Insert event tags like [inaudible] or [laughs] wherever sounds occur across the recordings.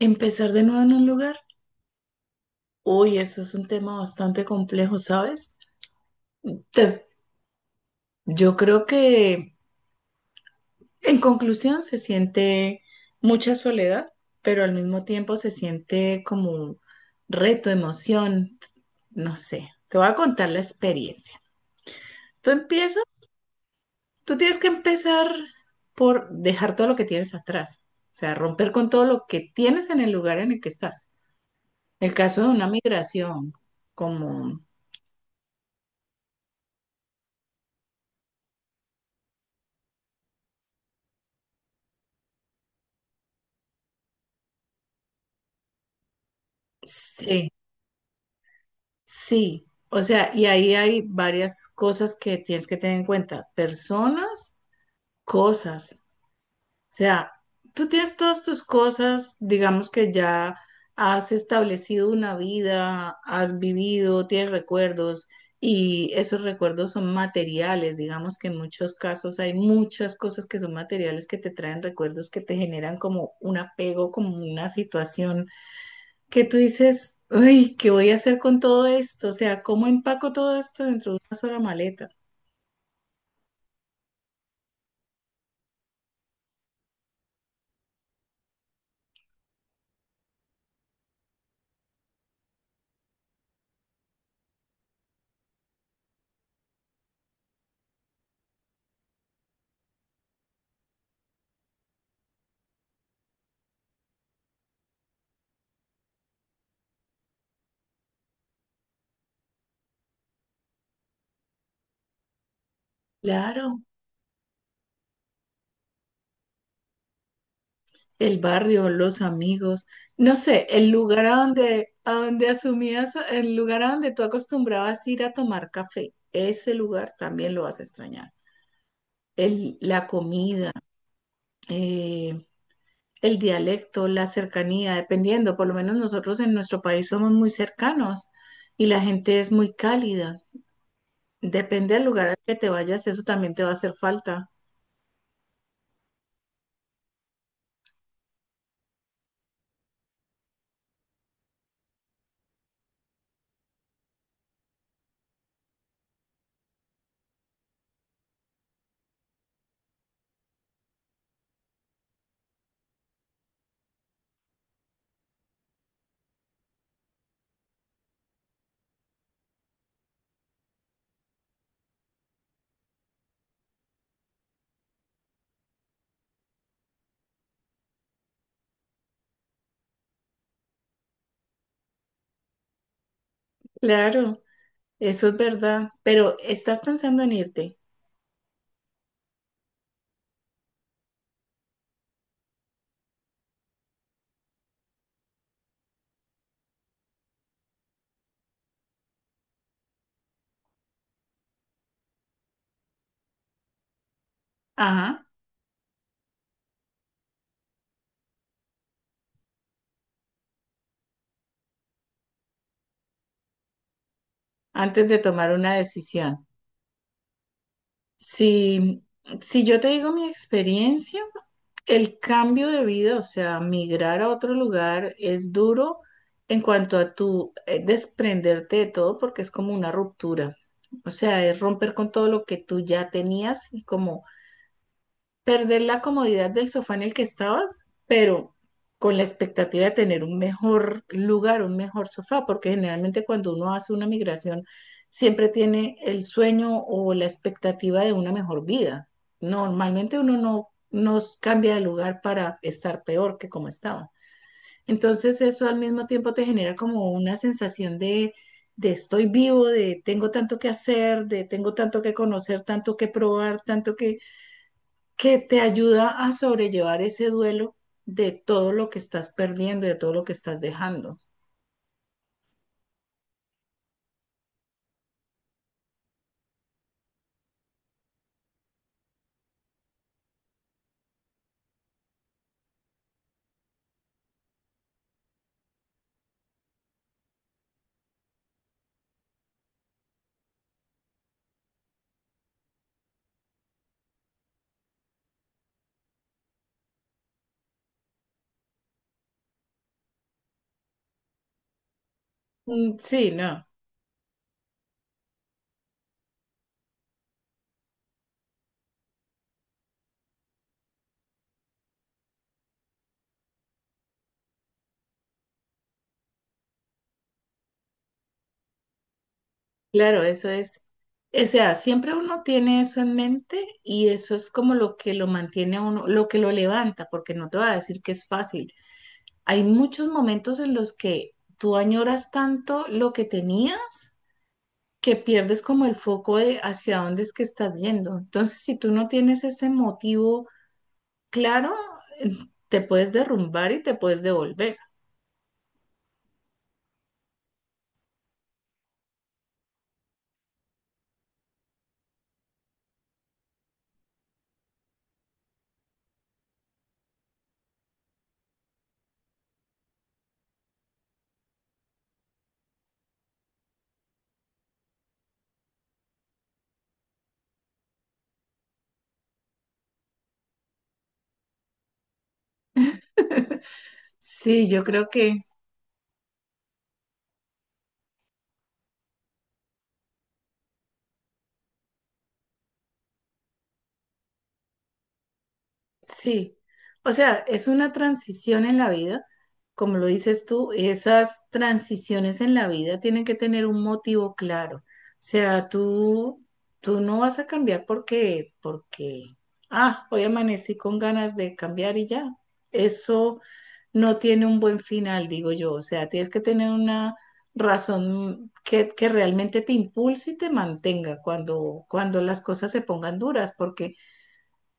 Empezar de nuevo en un lugar, uy, eso es un tema bastante complejo, ¿sabes? Te- yo creo que en conclusión se siente mucha soledad, pero al mismo tiempo se siente como reto, emoción, no sé. Te voy a contar la experiencia. Tú empiezas, tú tienes que empezar por dejar todo lo que tienes atrás, o sea, romper con todo lo que tienes en el lugar en el que estás. El caso de una migración, como... Sí, Sí, o sea, y ahí hay varias cosas que tienes que tener en cuenta. Personas, cosas. O sea, tú tienes todas tus cosas, digamos que ya has establecido una vida, has vivido, tienes recuerdos y esos recuerdos son materiales. Digamos que en muchos casos hay muchas cosas que son materiales que te traen recuerdos que te generan como un apego, como una situación que tú dices, uy, ¿qué voy a hacer con todo esto? O sea, ¿cómo empaco todo esto dentro de una sola maleta? Claro, el barrio, los amigos, no sé, el lugar a donde asumías, el lugar a donde tú acostumbrabas ir a tomar café, ese lugar también lo vas a extrañar. La comida, eh, el dialecto, la cercanía, dependiendo, por lo menos nosotros en nuestro país somos muy cercanos y la gente es muy cálida. Depende del lugar al que te vayas, eso también te va a hacer falta. Claro, eso es verdad. Pero estás pensando en irte. Ajá. Antes de tomar una decisión. Si, si yo te digo mi experiencia, el cambio de vida, o sea, migrar a otro lugar es duro en cuanto a tu desprenderte de todo porque es como una ruptura. O sea, es romper con todo lo que tú ya tenías y como perder la comodidad del sofá en el que estabas, pero con la expectativa de tener un mejor lugar, un mejor sofá, porque generalmente cuando uno hace una migración siempre tiene el sueño o la expectativa de una mejor vida. Normalmente uno no, no cambia de lugar para estar peor que como estaba. Entonces eso al mismo tiempo te genera como una sensación de estoy vivo, de tengo tanto que hacer, de tengo tanto que conocer, tanto que probar, tanto que te ayuda a sobrellevar ese duelo de todo lo que estás perdiendo, de todo lo que estás dejando. Mm, sí, no, claro, eso es. O sea, siempre uno tiene eso en mente y eso es como lo que lo mantiene a uno, lo que lo levanta, porque no te voy a decir que es fácil. Hay muchos momentos en los que tú añoras tanto lo que tenías que pierdes como el foco de hacia dónde es que estás yendo. Entonces, si tú no tienes ese motivo, claro, te puedes derrumbar y te puedes devolver. Sí, yo creo que sí. O sea, es una transición en la vida, como lo dices tú, esas transiciones en la vida tienen que tener un motivo claro. O sea, tú no vas a cambiar porque, ah, hoy amanecí con ganas de cambiar y ya. Eso no tiene un buen final, digo yo. O sea, tienes que tener una razón que realmente te impulse y te mantenga cuando las cosas se pongan duras, porque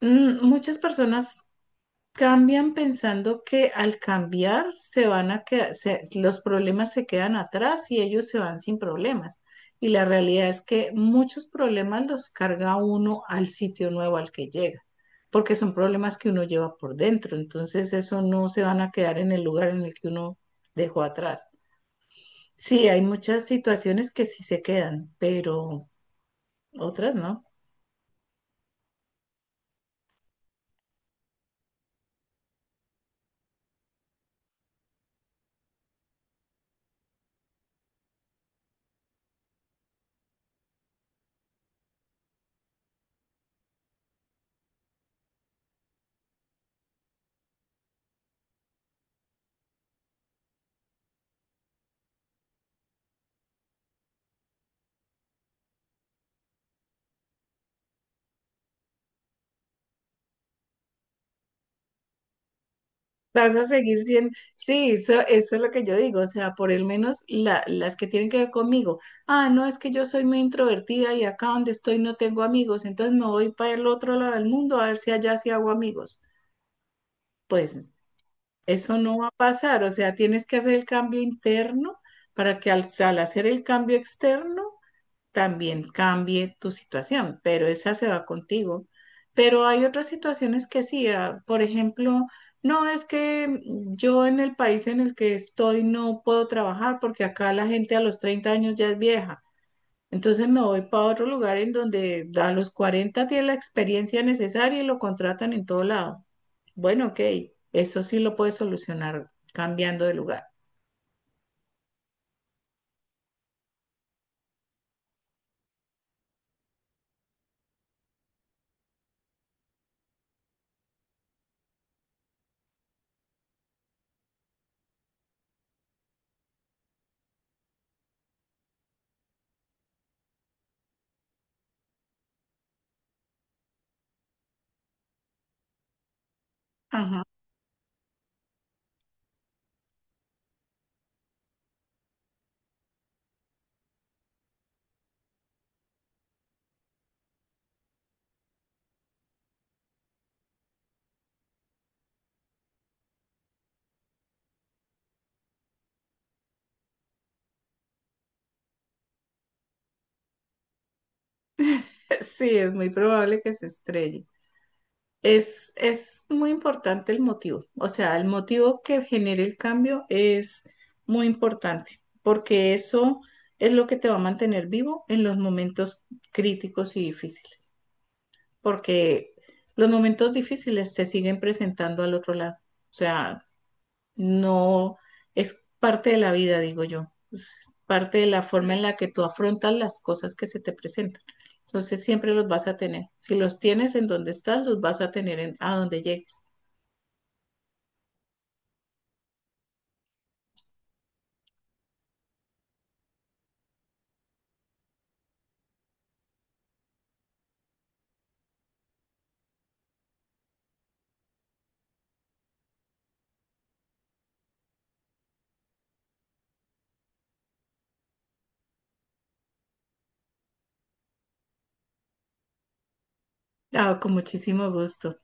muchas personas cambian pensando que al cambiar se van a quedar, los problemas se quedan atrás y ellos se van sin problemas. Y la realidad es que muchos problemas los carga uno al sitio nuevo al que llega, porque son problemas que uno lleva por dentro. Entonces eso no se van a quedar en el lugar en el que uno dejó atrás. Sí, hay muchas situaciones que sí se quedan, pero otras no. Vas a seguir siendo, sí, eso es lo que yo digo, o sea, por el menos las que tienen que ver conmigo. Ah, no, es que yo soy muy introvertida y acá donde estoy no tengo amigos, entonces me voy para el otro lado del mundo a ver si allá sí hago amigos. Pues eso no va a pasar, o sea, tienes que hacer el cambio interno para que al hacer el cambio externo también cambie tu situación, pero esa se va contigo. Pero hay otras situaciones que sí, ah, por ejemplo, no es que yo en el país en el que estoy no puedo trabajar porque acá la gente a los 30 años ya es vieja. Entonces me voy para otro lugar en donde a los 40 tiene la experiencia necesaria y lo contratan en todo lado. Bueno, ok, eso sí lo puedes solucionar cambiando de lugar. Ajá. [laughs] Sí, es muy probable que se estrelle. Es muy importante el motivo, o sea, el motivo que genere el cambio es muy importante, porque eso es lo que te va a mantener vivo en los momentos críticos y difíciles, porque los momentos difíciles se siguen presentando al otro lado, o sea, no, es parte de la vida, digo yo, parte de la forma en la que tú afrontas las cosas que se te presentan. Entonces siempre los vas a tener. Si los tienes en donde estás, los vas a tener en, a donde llegues. Ah, con muchísimo gusto.